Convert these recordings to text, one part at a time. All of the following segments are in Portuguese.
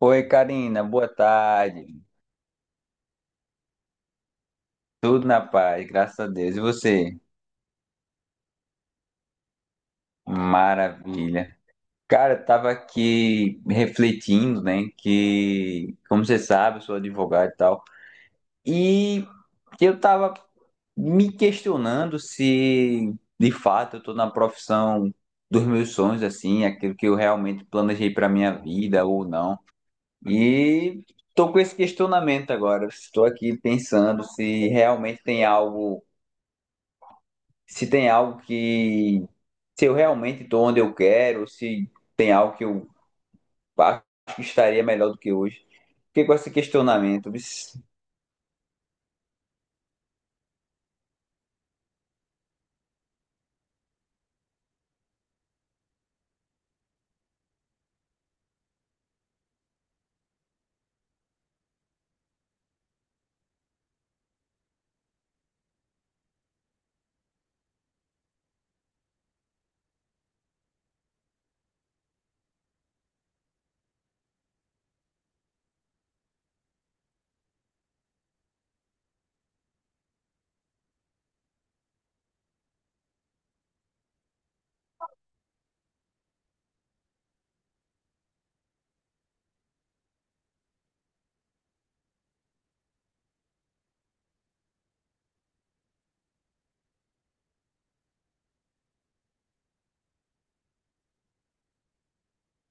Oi, Karina, boa tarde. Tudo na paz, graças a Deus. E você? Maravilha. Cara, eu tava aqui refletindo, né, que, como você sabe, eu sou advogado e tal, e eu tava me questionando se, de fato, eu tô na profissão dos meus sonhos, assim, aquilo que eu realmente planejei pra minha vida ou não. E tô com esse questionamento agora. Estou aqui pensando se realmente tem algo, se tem algo que, se eu realmente estou onde eu quero, se tem algo que eu acho que estaria melhor do que hoje. Fiquei com esse questionamento. Vixe.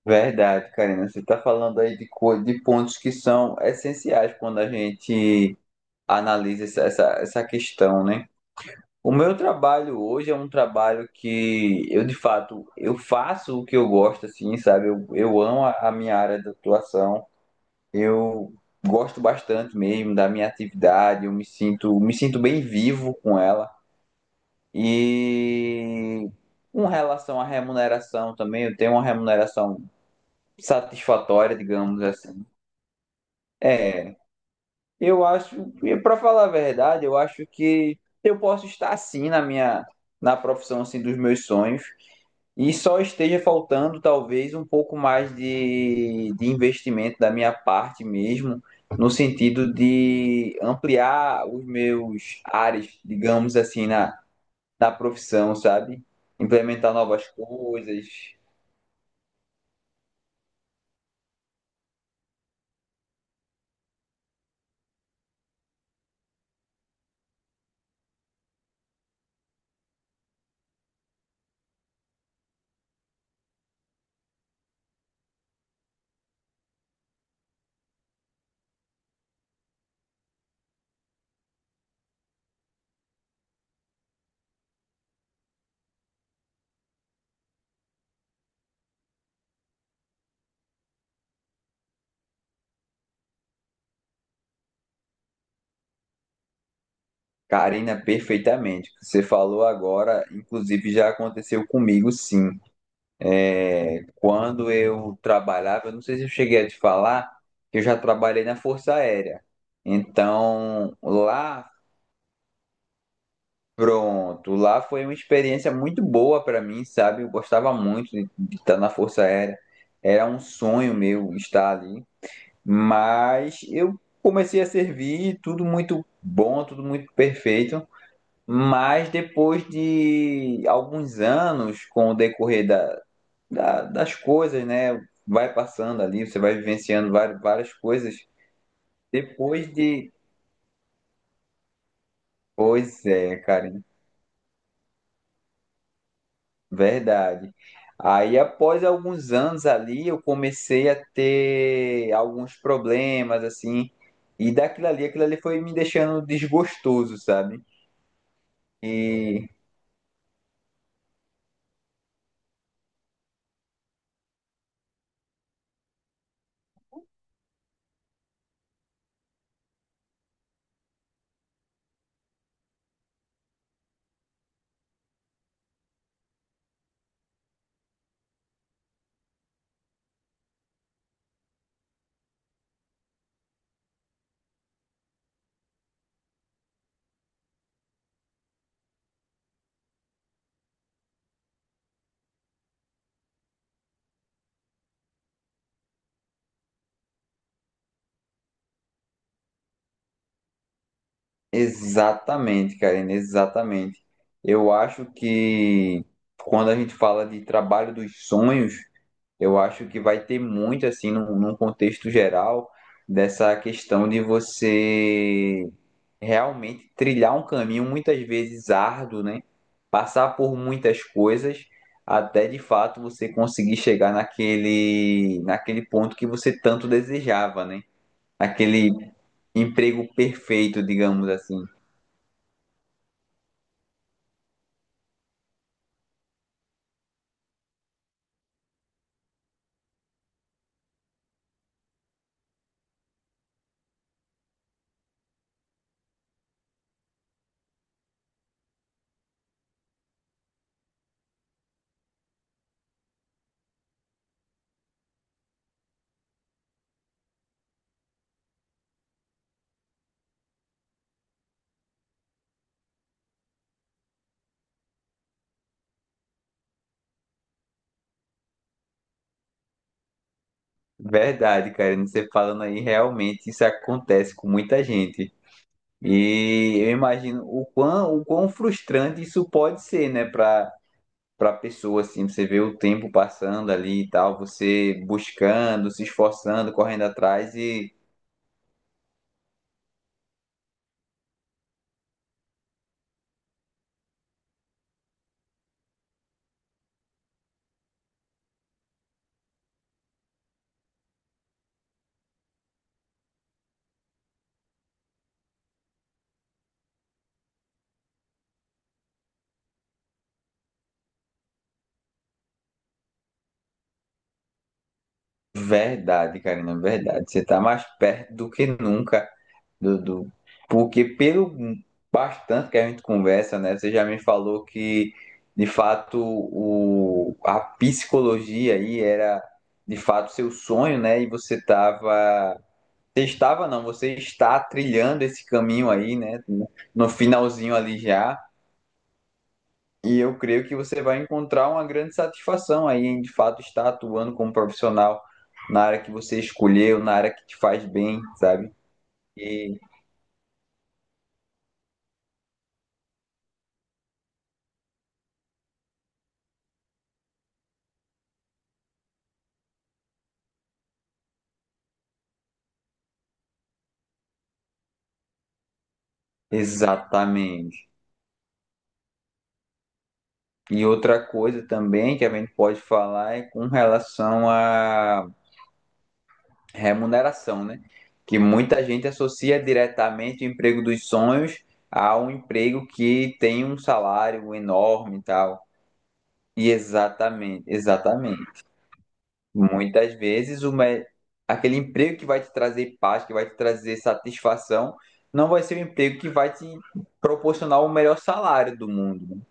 Verdade, Karina, você está falando aí de, de pontos que são essenciais quando a gente analisa essa questão, né? O meu trabalho hoje é um trabalho que eu, de fato, eu faço o que eu gosto, assim, sabe? Eu amo a minha área de atuação. Eu gosto bastante mesmo da minha atividade, me sinto bem vivo com ela. E com relação à remuneração também, eu tenho uma remuneração satisfatória, digamos assim. É. Eu acho, para falar a verdade, eu acho que eu posso estar assim na minha, na profissão assim dos meus sonhos, e só esteja faltando talvez um pouco mais de investimento da minha parte mesmo, no sentido de ampliar os meus ares, digamos assim, na, na profissão, sabe? Implementar novas coisas. Karina, perfeitamente. O que você falou agora inclusive já aconteceu comigo, sim. É. Quando eu trabalhava, eu não sei se eu cheguei a te falar, que eu já trabalhei na Força Aérea. Então, lá, pronto, lá foi uma experiência muito boa para mim, sabe? Eu gostava muito de estar na Força Aérea. Era um sonho meu estar ali, mas eu comecei a servir, tudo muito bom, tudo muito perfeito. Mas depois de alguns anos, com o decorrer da, das coisas, né? Vai passando ali, você vai vivenciando várias coisas. Depois de. Pois é, Karina, verdade. Aí, após alguns anos ali, eu comecei a ter alguns problemas, assim, e daquilo ali, aquilo ali foi me deixando desgostoso, sabe? E exatamente, Karina, exatamente. Eu acho que quando a gente fala de trabalho dos sonhos, eu acho que vai ter muito, assim, num contexto geral, dessa questão de você realmente trilhar um caminho muitas vezes árduo, né? Passar por muitas coisas até de fato você conseguir chegar naquele ponto que você tanto desejava, né? Aquele emprego perfeito, digamos assim. Verdade, Karine, você falando aí, realmente isso acontece com muita gente. E eu imagino o quão frustrante isso pode ser, né, para pessoa assim, você vê o tempo passando ali e tal, você buscando, se esforçando, correndo atrás e verdade, Karina, verdade, você tá mais perto do que nunca do, porque pelo bastante que a gente conversa, né, você já me falou que de fato o a psicologia aí era de fato seu sonho, né, e você tava. Você estava, não, você está trilhando esse caminho aí, né? No finalzinho ali já. E eu creio que você vai encontrar uma grande satisfação aí em de fato estar atuando como profissional na área que você escolheu, na área que te faz bem, sabe? E exatamente. E outra coisa também que a gente pode falar é com relação a remuneração, né? Que muita gente associa diretamente o emprego dos sonhos a um emprego que tem um salário enorme e tal. E exatamente, exatamente. Muitas vezes aquele emprego que vai te trazer paz, que vai te trazer satisfação, não vai ser o emprego que vai te proporcionar o melhor salário do mundo, né?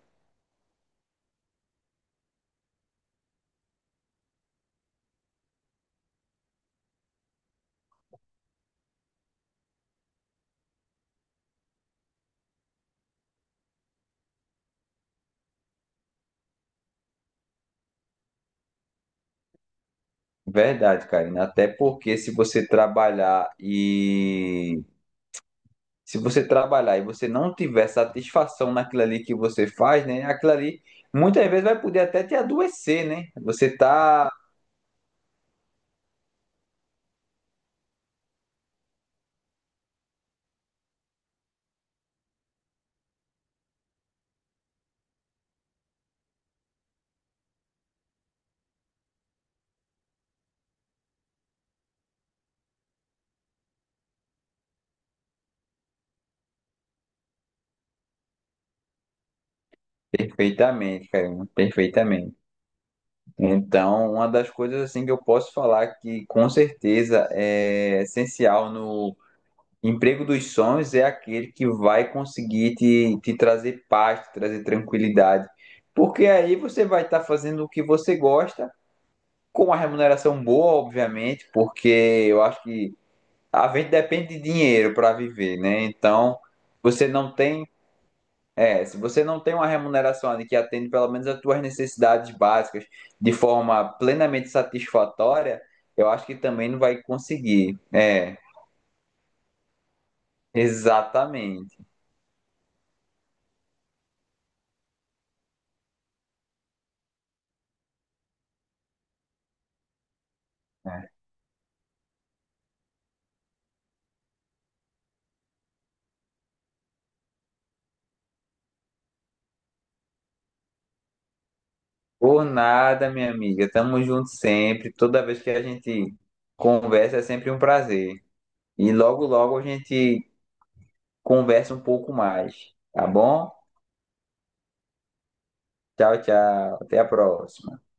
Verdade, Karina. Até porque se você trabalhar e Se você trabalhar e você não tiver satisfação naquilo ali que você faz, né? Aquilo ali muitas vezes vai poder até te adoecer, né? Você tá perfeitamente, cara, perfeitamente. Então, uma das coisas assim que eu posso falar que com certeza é essencial no emprego dos sonhos é aquele que vai conseguir te trazer paz, te trazer tranquilidade. Porque aí você vai estar fazendo o que você gosta, com uma remuneração boa, obviamente, porque eu acho que a gente depende de dinheiro para viver, né? Então, você não tem, é, se você não tem uma remuneração ali que atende pelo menos as tuas necessidades básicas de forma plenamente satisfatória, eu acho que também não vai conseguir. É, exatamente. Por nada, minha amiga. Tamo junto sempre. Toda vez que a gente conversa é sempre um prazer. E logo, logo a gente conversa um pouco mais, tá bom? Tchau, tchau. Até a próxima.